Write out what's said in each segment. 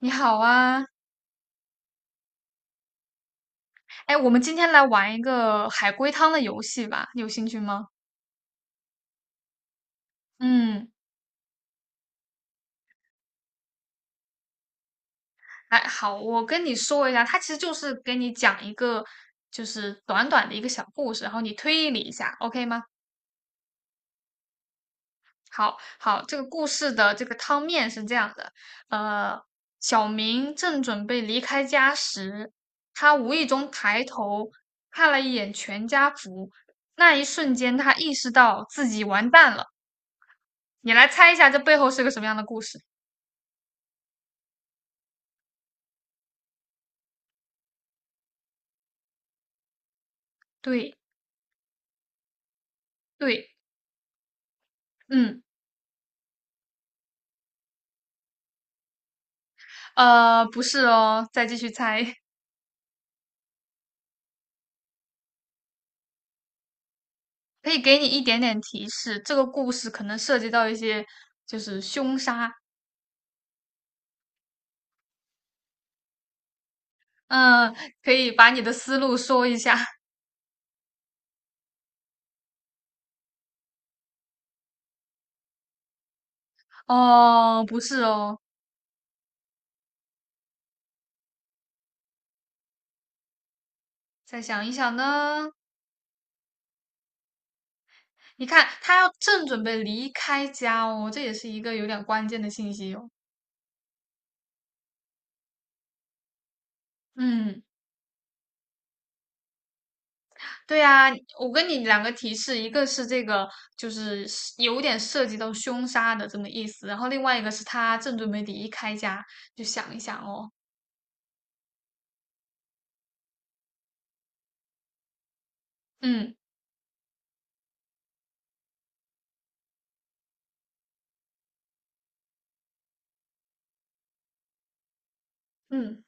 你好啊，哎，我们今天来玩一个海龟汤的游戏吧，你有兴趣吗？嗯，哎，好，我跟你说一下，它其实就是给你讲一个，就是短短的一个小故事，然后你推理一下，OK 吗？好好，这个故事的这个汤面是这样的，呃，小明正准备离开家时，他无意中抬头看了一眼全家福，那一瞬间他意识到自己完蛋了。你来猜一下，这背后是个什么样的故事？对对，嗯，不是哦，再继续猜，可以给你一点点提示，这个故事可能涉及到一些就是凶杀，嗯，可以把你的思路说一下。哦，不是哦，再想一想呢，你看他要正准备离开家哦，这也是一个有点关键的信息哦。嗯。对呀，我跟你两个提示，一个是这个就是有点涉及到凶杀的这么意思，然后另外一个是他正准备离开家，就想一想哦，嗯，嗯，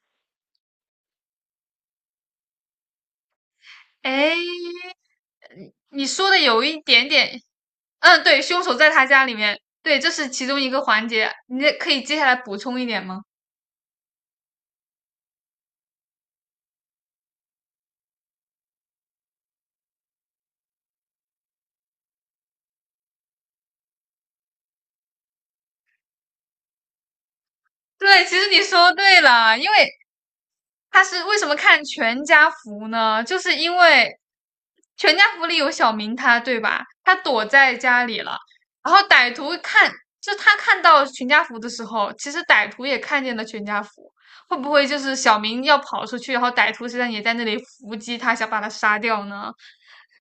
哎，你说的有一点点，嗯，对，凶手在他家里面，对，这是其中一个环节，你也可以接下来补充一点吗？对，其实你说对了，因为他是为什么看全家福呢？就是因为。全家福里有小明他，对吧？他躲在家里了，然后歹徒看，就他看到全家福的时候，其实歹徒也看见了全家福。会不会就是小明要跑出去，然后歹徒实际上也在那里伏击他，想把他杀掉呢？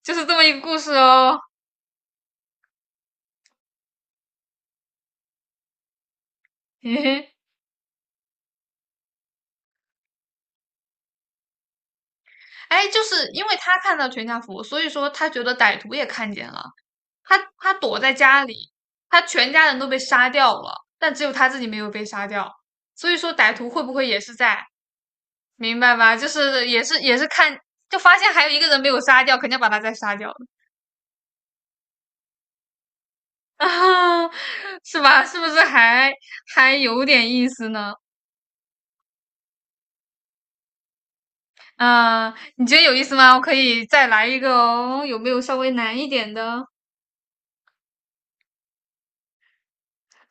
就是这么一个故事哦。嘿嘿，哎，就是因为他看到全家福，所以说他觉得歹徒也看见了。他躲在家里，他全家人都被杀掉了，但只有他自己没有被杀掉。所以说歹徒会不会也是在？明白吧？就是也是看，就发现还有一个人没有杀掉，肯定要把他再杀掉了 啊，是吧？是不是还有点意思呢？啊，你觉得有意思吗？我可以再来一个哦，有没有稍微难一点的？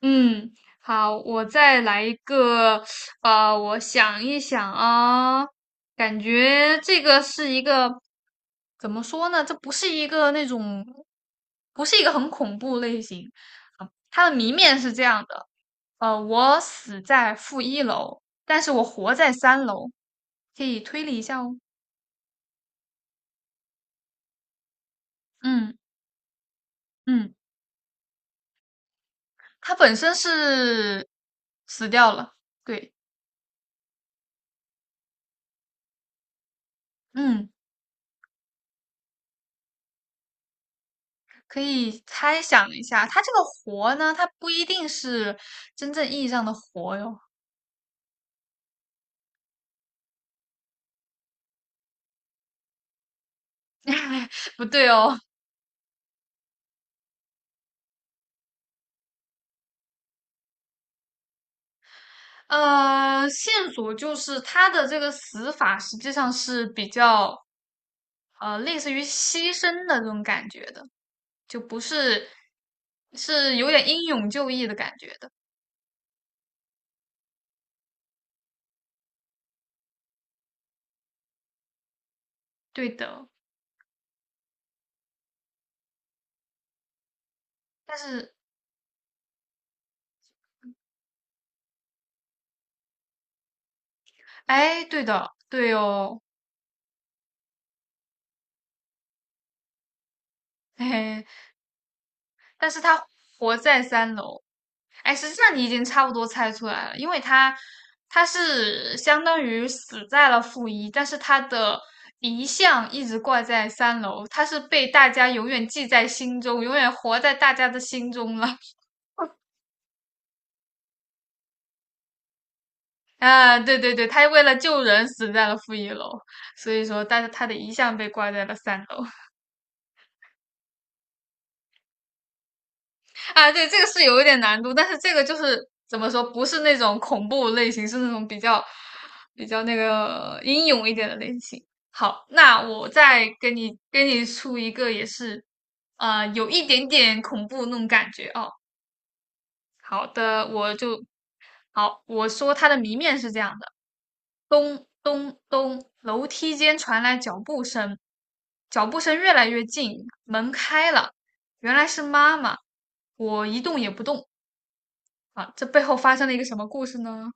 嗯，好，我再来一个，我想一想啊，感觉这个是一个怎么说呢？这不是一个那种，不是一个很恐怖类型。啊它的谜面是这样的，我死在负一楼，但是我活在三楼，可以推理一下哦。嗯嗯，他本身是死掉了，对，嗯，可以猜想一下，他这个活呢，他不一定是真正意义上的活哟，不对哦。线索就是他的这个死法实际上是比较类似于牺牲的这种感觉的，就不是是有点英勇就义的感觉的。对的，但是，哎，对的，对哦，嘿嘿，但是他活在三楼，哎，实际上你已经差不多猜出来了，因为他他是相当于死在了负一，但是他的遗像一直挂在三楼，他是被大家永远记在心中，永远活在大家的心中了。啊，对对对，他为了救人死在了负一楼，所以说，但是他的遗像被挂在了三楼。啊，对，这个是有一点难度，但是这个就是怎么说，不是那种恐怖类型，是那种比较那个英勇一点的类型。好，那我再给你出一个，也是有一点点恐怖那种感觉哦。好的，好，我说它的谜面是这样的：咚咚咚，楼梯间传来脚步声，脚步声越来越近，门开了，原来是妈妈。我一动也不动。啊，这背后发生了一个什么故事呢？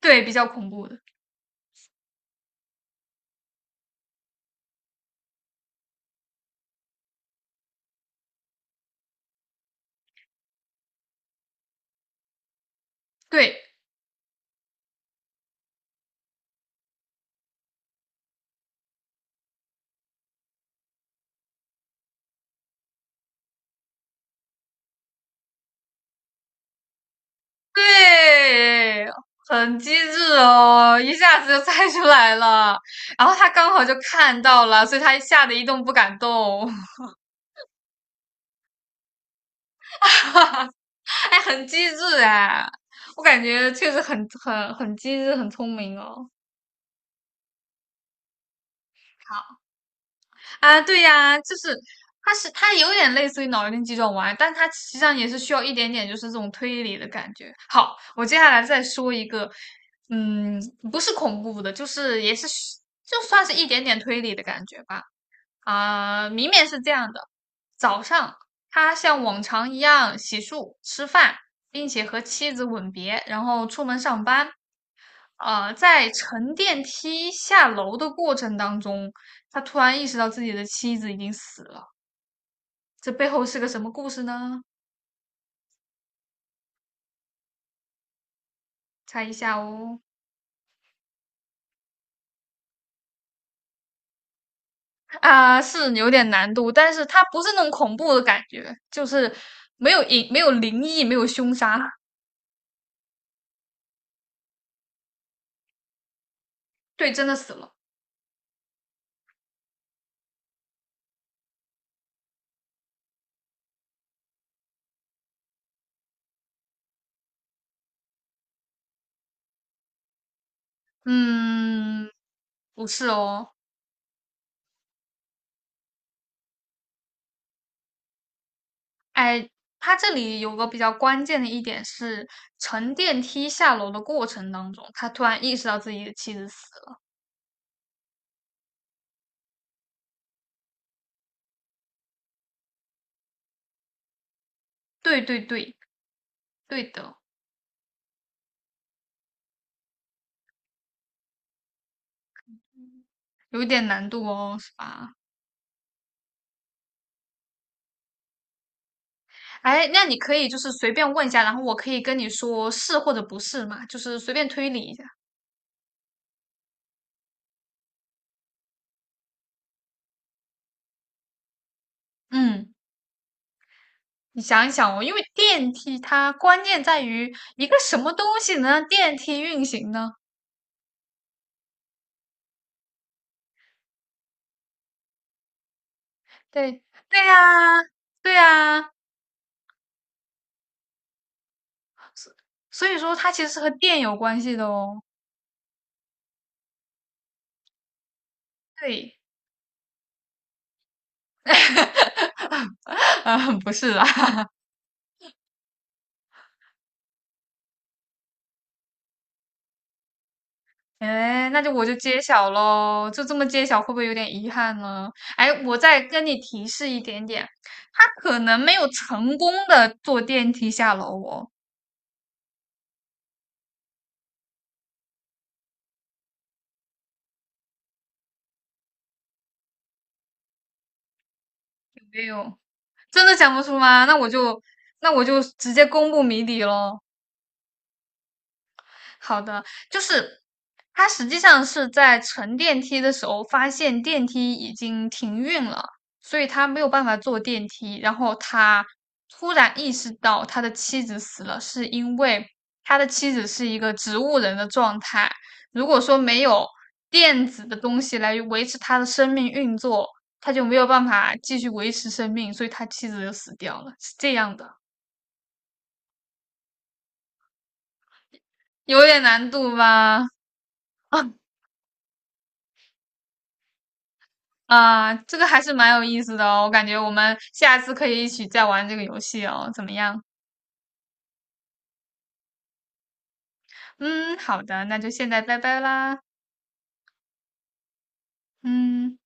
对，比较恐怖的，对对，很机智哦，一下子就猜出来了。然后他刚好就看到了，所以他吓得一动不敢动，哎，很机智哎，我感觉确实很很机智，很聪明哦。啊，对呀，就是它是它有点类似于脑力激这种玩意但它实际上也是需要一点点就是这种推理的感觉。好，我接下来再说一个，嗯，不是恐怖的，就是也是就算是一点点推理的感觉吧。啊、明明是这样的，早上他像往常一样洗漱、吃饭，并且和妻子吻别，然后出门上班。在乘电梯下楼的过程当中，他突然意识到自己的妻子已经死了。这背后是个什么故事呢？猜一下哦。啊，是有点难度，但是它不是那种恐怖的感觉，就是没有隐，没有灵异，没有凶杀。对，真的死了。嗯，不是哦。哎，它这里有个比较关键的一点是，乘电梯下楼的过程当中，他突然意识到自己的妻子死了。对对对，对的。有一点难度哦，是吧？哎，那你可以就是随便问一下，然后我可以跟你说是或者不是嘛，就是随便推理一下。嗯，你想一想哦，因为电梯它关键在于一个什么东西能让电梯运行呢？对，对呀，对呀，所所以说它其实是和电有关系的哦。对，啊，不是啦。哎，那就揭晓喽，就这么揭晓，会不会有点遗憾呢？哎，我再跟你提示一点点，他可能没有成功的坐电梯下楼哦，有没有？真的想不出吗？那我就直接公布谜底喽。好的，就是他实际上是在乘电梯的时候发现电梯已经停运了，所以他没有办法坐电梯。然后他突然意识到他的妻子死了，是因为他的妻子是一个植物人的状态。如果说没有电子的东西来维持他的生命运作，他就没有办法继续维持生命，所以他妻子就死掉了，是这样的，有点难度吧？啊，这个还是蛮有意思的哦，我感觉我们下次可以一起再玩这个游戏哦，怎么样？嗯，好的，那就现在拜拜啦，嗯。